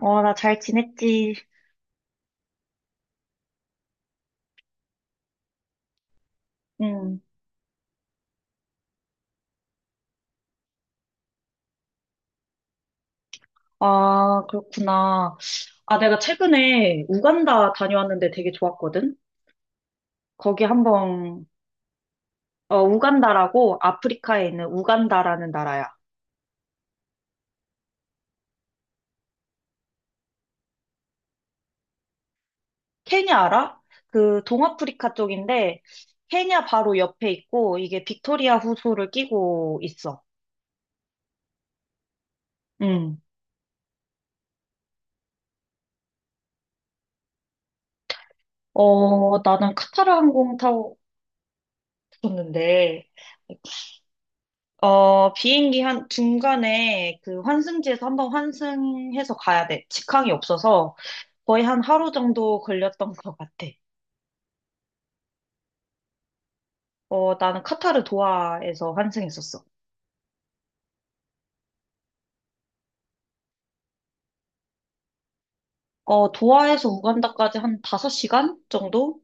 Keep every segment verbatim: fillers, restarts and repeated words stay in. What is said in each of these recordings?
어, 나 잘 지냈지. 응. 아, 그렇구나. 아, 내가 최근에 우간다 다녀왔는데 되게 좋았거든? 거기 한번, 어, 우간다라고 아프리카에 있는 우간다라는 나라야. 케냐 알아? 그 동아프리카 쪽인데, 케냐 바로 옆에 있고, 이게 빅토리아 호수를 끼고 있어. 응. 어, 나는 카타르 항공 타고 갔었는데, 어, 비행기 한 중간에 그 환승지에서 한번 환승해서 가야 돼. 직항이 없어서 거의 한 하루 정도 걸렸던 것 같아. 어, 나는 카타르 도하에서 환승했었어. 어, 도하에서 우간다까지 한 다섯 시간 정도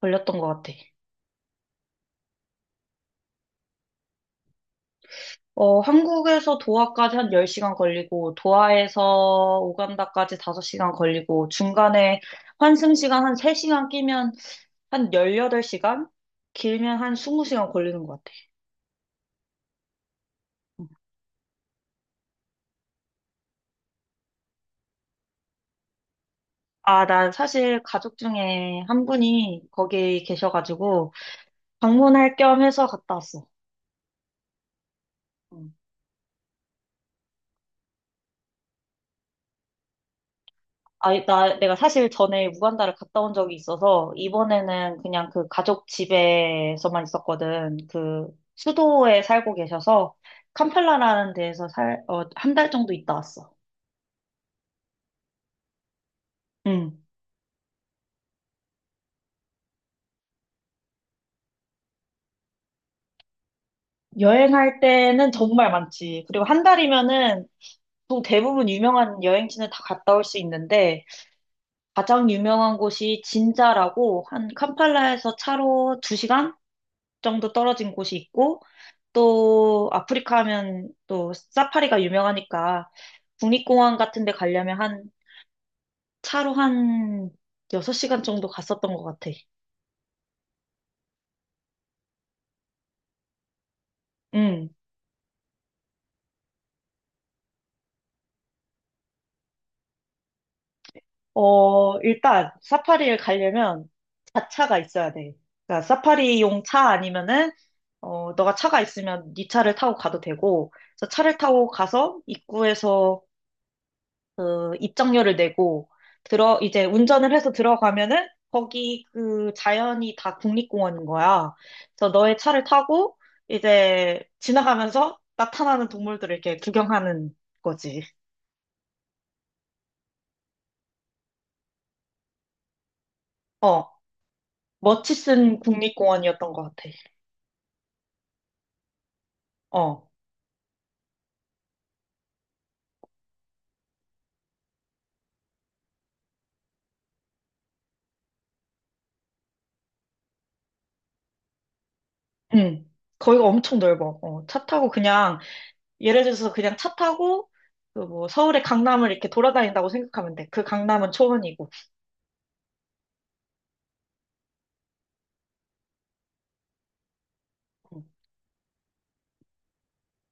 걸렸던 것 같아. 어, 한국에서 도하까지 한 열 시간 걸리고, 도하에서 우간다까지 다섯 시간 걸리고, 중간에 환승 시간 한 세 시간 끼면 한 열여덟 시간? 길면 한 스무 시간 걸리는 것 같아. 아, 나 사실 가족 중에 한 분이 거기 계셔가지고 방문할 겸 해서 갔다 왔어. 응. 아, 나 내가 사실 전에 우간다를 갔다 온 적이 있어서 이번에는 그냥 그 가족 집에서만 있었거든. 그 수도에 살고 계셔서 캄팔라라는 데에서 살, 어, 한 달 정도 있다 왔어. 응. 여행할 때는 정말 많지. 그리고 한 달이면은 또 대부분 유명한 여행지는 다 갔다 올 수 있는데 가장 유명한 곳이 진자라고 한 캄팔라에서 차로 두 시간 정도 떨어진 곳이 있고 또 아프리카 하면 또 사파리가 유명하니까 국립공원 같은 데 가려면 한 차로 한 여섯 시간 정도 갔었던 것 같아. 음. 어, 일단 사파리를 가려면 자차가 있어야 돼. 그러니까 사파리용 차 아니면은 어, 너가 차가 있으면 네 차를 타고 가도 되고 그래서 차를 타고 가서 입구에서 그 입장료를 내고 들어 이제 운전을 해서 들어가면은 거기 그 자연이 다 국립공원인 거야. 그래서 너의 차를 타고 이제 지나가면서 나타나는 동물들을 이렇게 구경하는 거지. 어, 머치슨 국립공원이었던 것 같아. 어, 응. 거기가 엄청 넓어. 어, 차 타고 그냥 예를 들어서 그냥 차 타고 그 뭐 서울의 강남을 이렇게 돌아다닌다고 생각하면 돼. 그 강남은 초원이고. 응.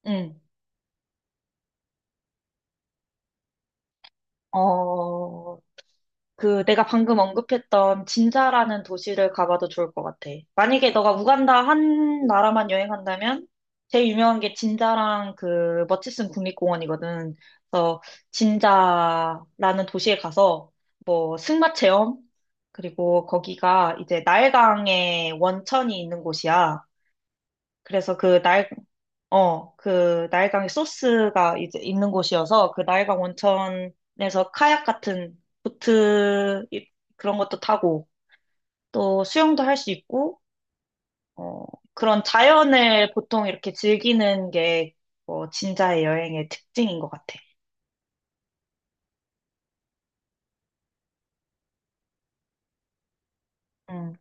응. 어, 그 내가 방금 언급했던 진자라는 도시를 가봐도 좋을 것 같아. 만약에 너가 우간다 한 나라만 여행한다면 제일 유명한 게 진자랑 그 머치슨 국립공원이거든. 그래서 진자라는 도시에 가서 뭐 승마 체험 그리고 거기가 이제 나일강의 원천이 있는 곳이야. 그래서 그 날, 어, 그 나일강의 소스가 이제 있는 곳이어서 그 나일강 원천에서 카약 같은 보트 이- 그런 것도 타고 또 수영도 할 수 있고 어, 그런 자연을 보통 이렇게 즐기는 게 어, 진짜의 여행의 특징인 것 같아. 음.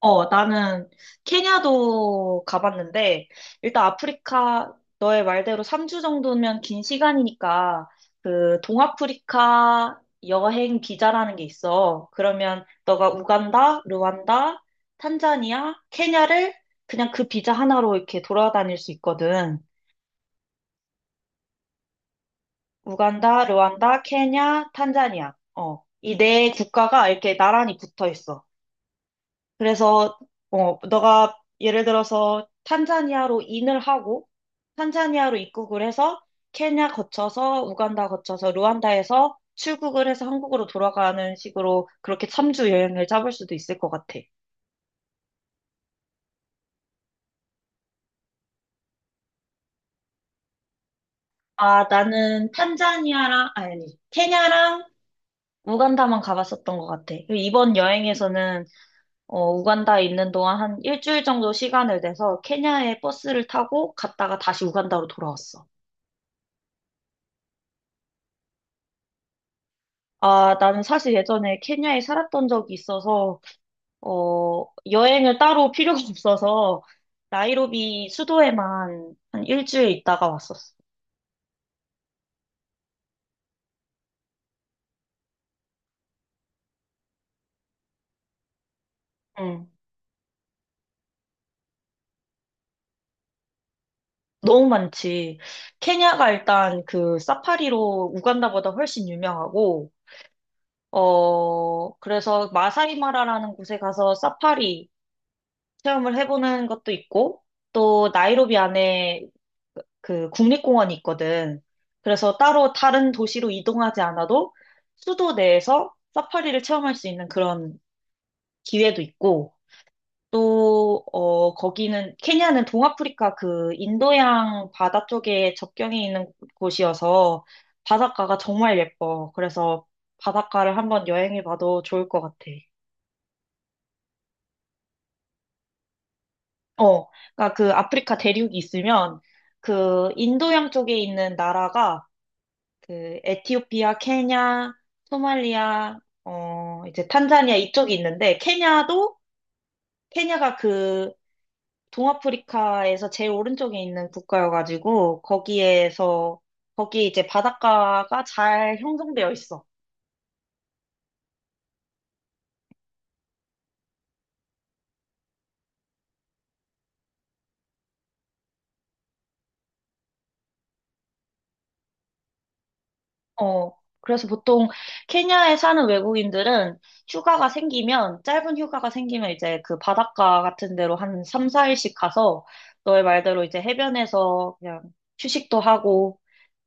어, 나는 케냐도 가봤는데, 일단 아프리카, 너의 말대로 삼 주 정도면 긴 시간이니까, 그, 동아프리카 여행 비자라는 게 있어. 그러면 너가 우간다, 르완다, 탄자니아, 케냐를 그냥 그 비자 하나로 이렇게 돌아다닐 수 있거든. 우간다, 르완다, 케냐, 탄자니아. 어, 이 네 국가가 이렇게 나란히 붙어 있어. 그래서 어, 너가 예를 들어서 탄자니아로 인을 하고 탄자니아로 입국을 해서 케냐 거쳐서 우간다 거쳐서 루안다에서 출국을 해서 한국으로 돌아가는 식으로 그렇게 삼 주 여행을 잡을 수도 있을 것 같아. 아, 나는 탄자니아랑 아니 케냐랑 우간다만 가봤었던 것 같아. 그리고 이번 여행에서는 어, 우간다에 있는 동안 한 일주일 정도 시간을 내서 케냐에 버스를 타고 갔다가 다시 우간다로 돌아왔어. 아, 나는 사실 예전에 케냐에 살았던 적이 있어서, 어, 여행을 따로 필요가 없어서, 나이로비 수도에만 한 일주일 있다가 왔었어. 응. 너무 많지. 케냐가 일단 그 사파리로 우간다보다 훨씬 유명하고, 어, 그래서 마사이 마라라는 곳에 가서 사파리, 체험을 해보는 것도 있고, 또 나이로비 안에 그 국립공원이 있거든. 그래서 따로 다른 도시로 이동하지 않아도 수도 내에서 사파리를 체험할 수 있는 그런 기회도 있고, 또, 어, 거기는, 케냐는 동아프리카 그 인도양 바다 쪽에 접경이 있는 곳이어서 바닷가가 정말 예뻐. 그래서 바닷가를 한번 여행해봐도 좋을 것 같아. 어, 그러니까 그 아프리카 대륙이 있으면 그 인도양 쪽에 있는 나라가 그 에티오피아, 케냐, 소말리아, 어, 이제 탄자니아 이쪽이 있는데 케냐도 케냐가 그 동아프리카에서 제일 오른쪽에 있는 국가여가지고 거기에서 거기 이제 바닷가가 잘 형성되어 있어. 어, 그래서 보통 케냐에 사는 외국인들은 휴가가 생기면, 짧은 휴가가 생기면 이제 그 바닷가 같은 데로 한 삼, 사 일씩 가서 너의 말대로 이제 해변에서 그냥 휴식도 하고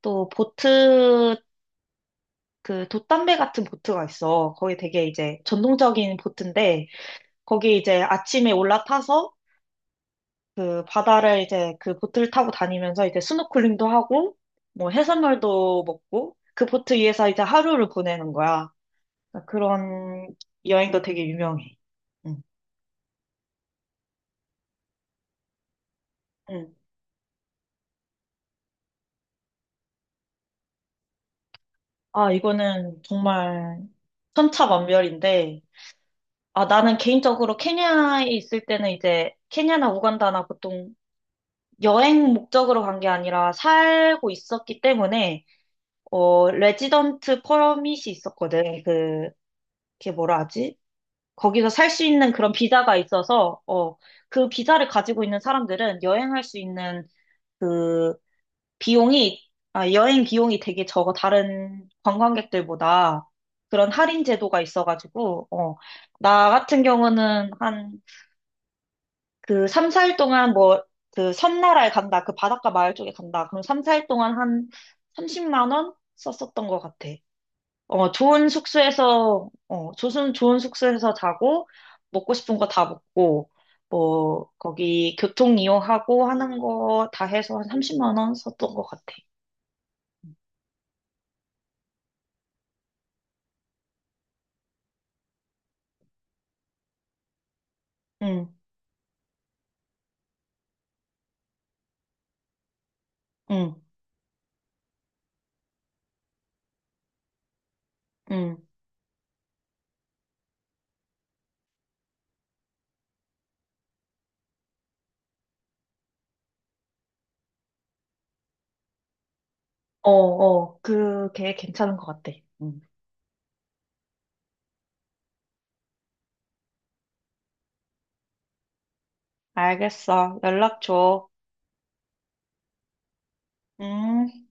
또 보트, 그 돛담배 같은 보트가 있어. 거기 되게 이제 전동적인 보트인데 거기 이제 아침에 올라타서 그 바다를 이제 그 보트를 타고 다니면서 이제 스노클링도 하고 뭐 해산물도 먹고 그 보트 위에서 이제 하루를 보내는 거야. 그런 여행도 되게 유명해. 응. 응. 아, 이거는 정말 천차만별인데, 아, 나는 개인적으로 케냐에 있을 때는 이제 케냐나 우간다나 보통 여행 목적으로 간 게 아니라 살고 있었기 때문에, 어, 레지던트 퍼밋이 있었거든. 그, 그게 뭐라 하지? 거기서 살 수 있는 그런 비자가 있어서, 어, 그 비자를 가지고 있는 사람들은 여행할 수 있는 그 비용이, 아, 여행 비용이 되게 적어, 다른 관광객들보다. 그런 할인 제도가 있어가지고, 어, 나 같은 경우는 한 그 삼, 사 일 동안 뭐, 그 섬나라에 간다, 그 바닷가 마을 쪽에 간다. 그럼 삼, 사 일 동안 한 삼십만 원 썼었던 것 같아. 어, 좋은 숙소에서, 어, 좋은, 좋은 숙소에서 자고, 먹고 싶은 거 다 먹고, 뭐, 거기 교통 이용하고 하는 거 다 해서 한 삼십만 원 썼던 것 같아. 응. 응, 응. 어, 어. 그게 괜찮은 것 같아. 응, 알겠어. 연락 줘. 음.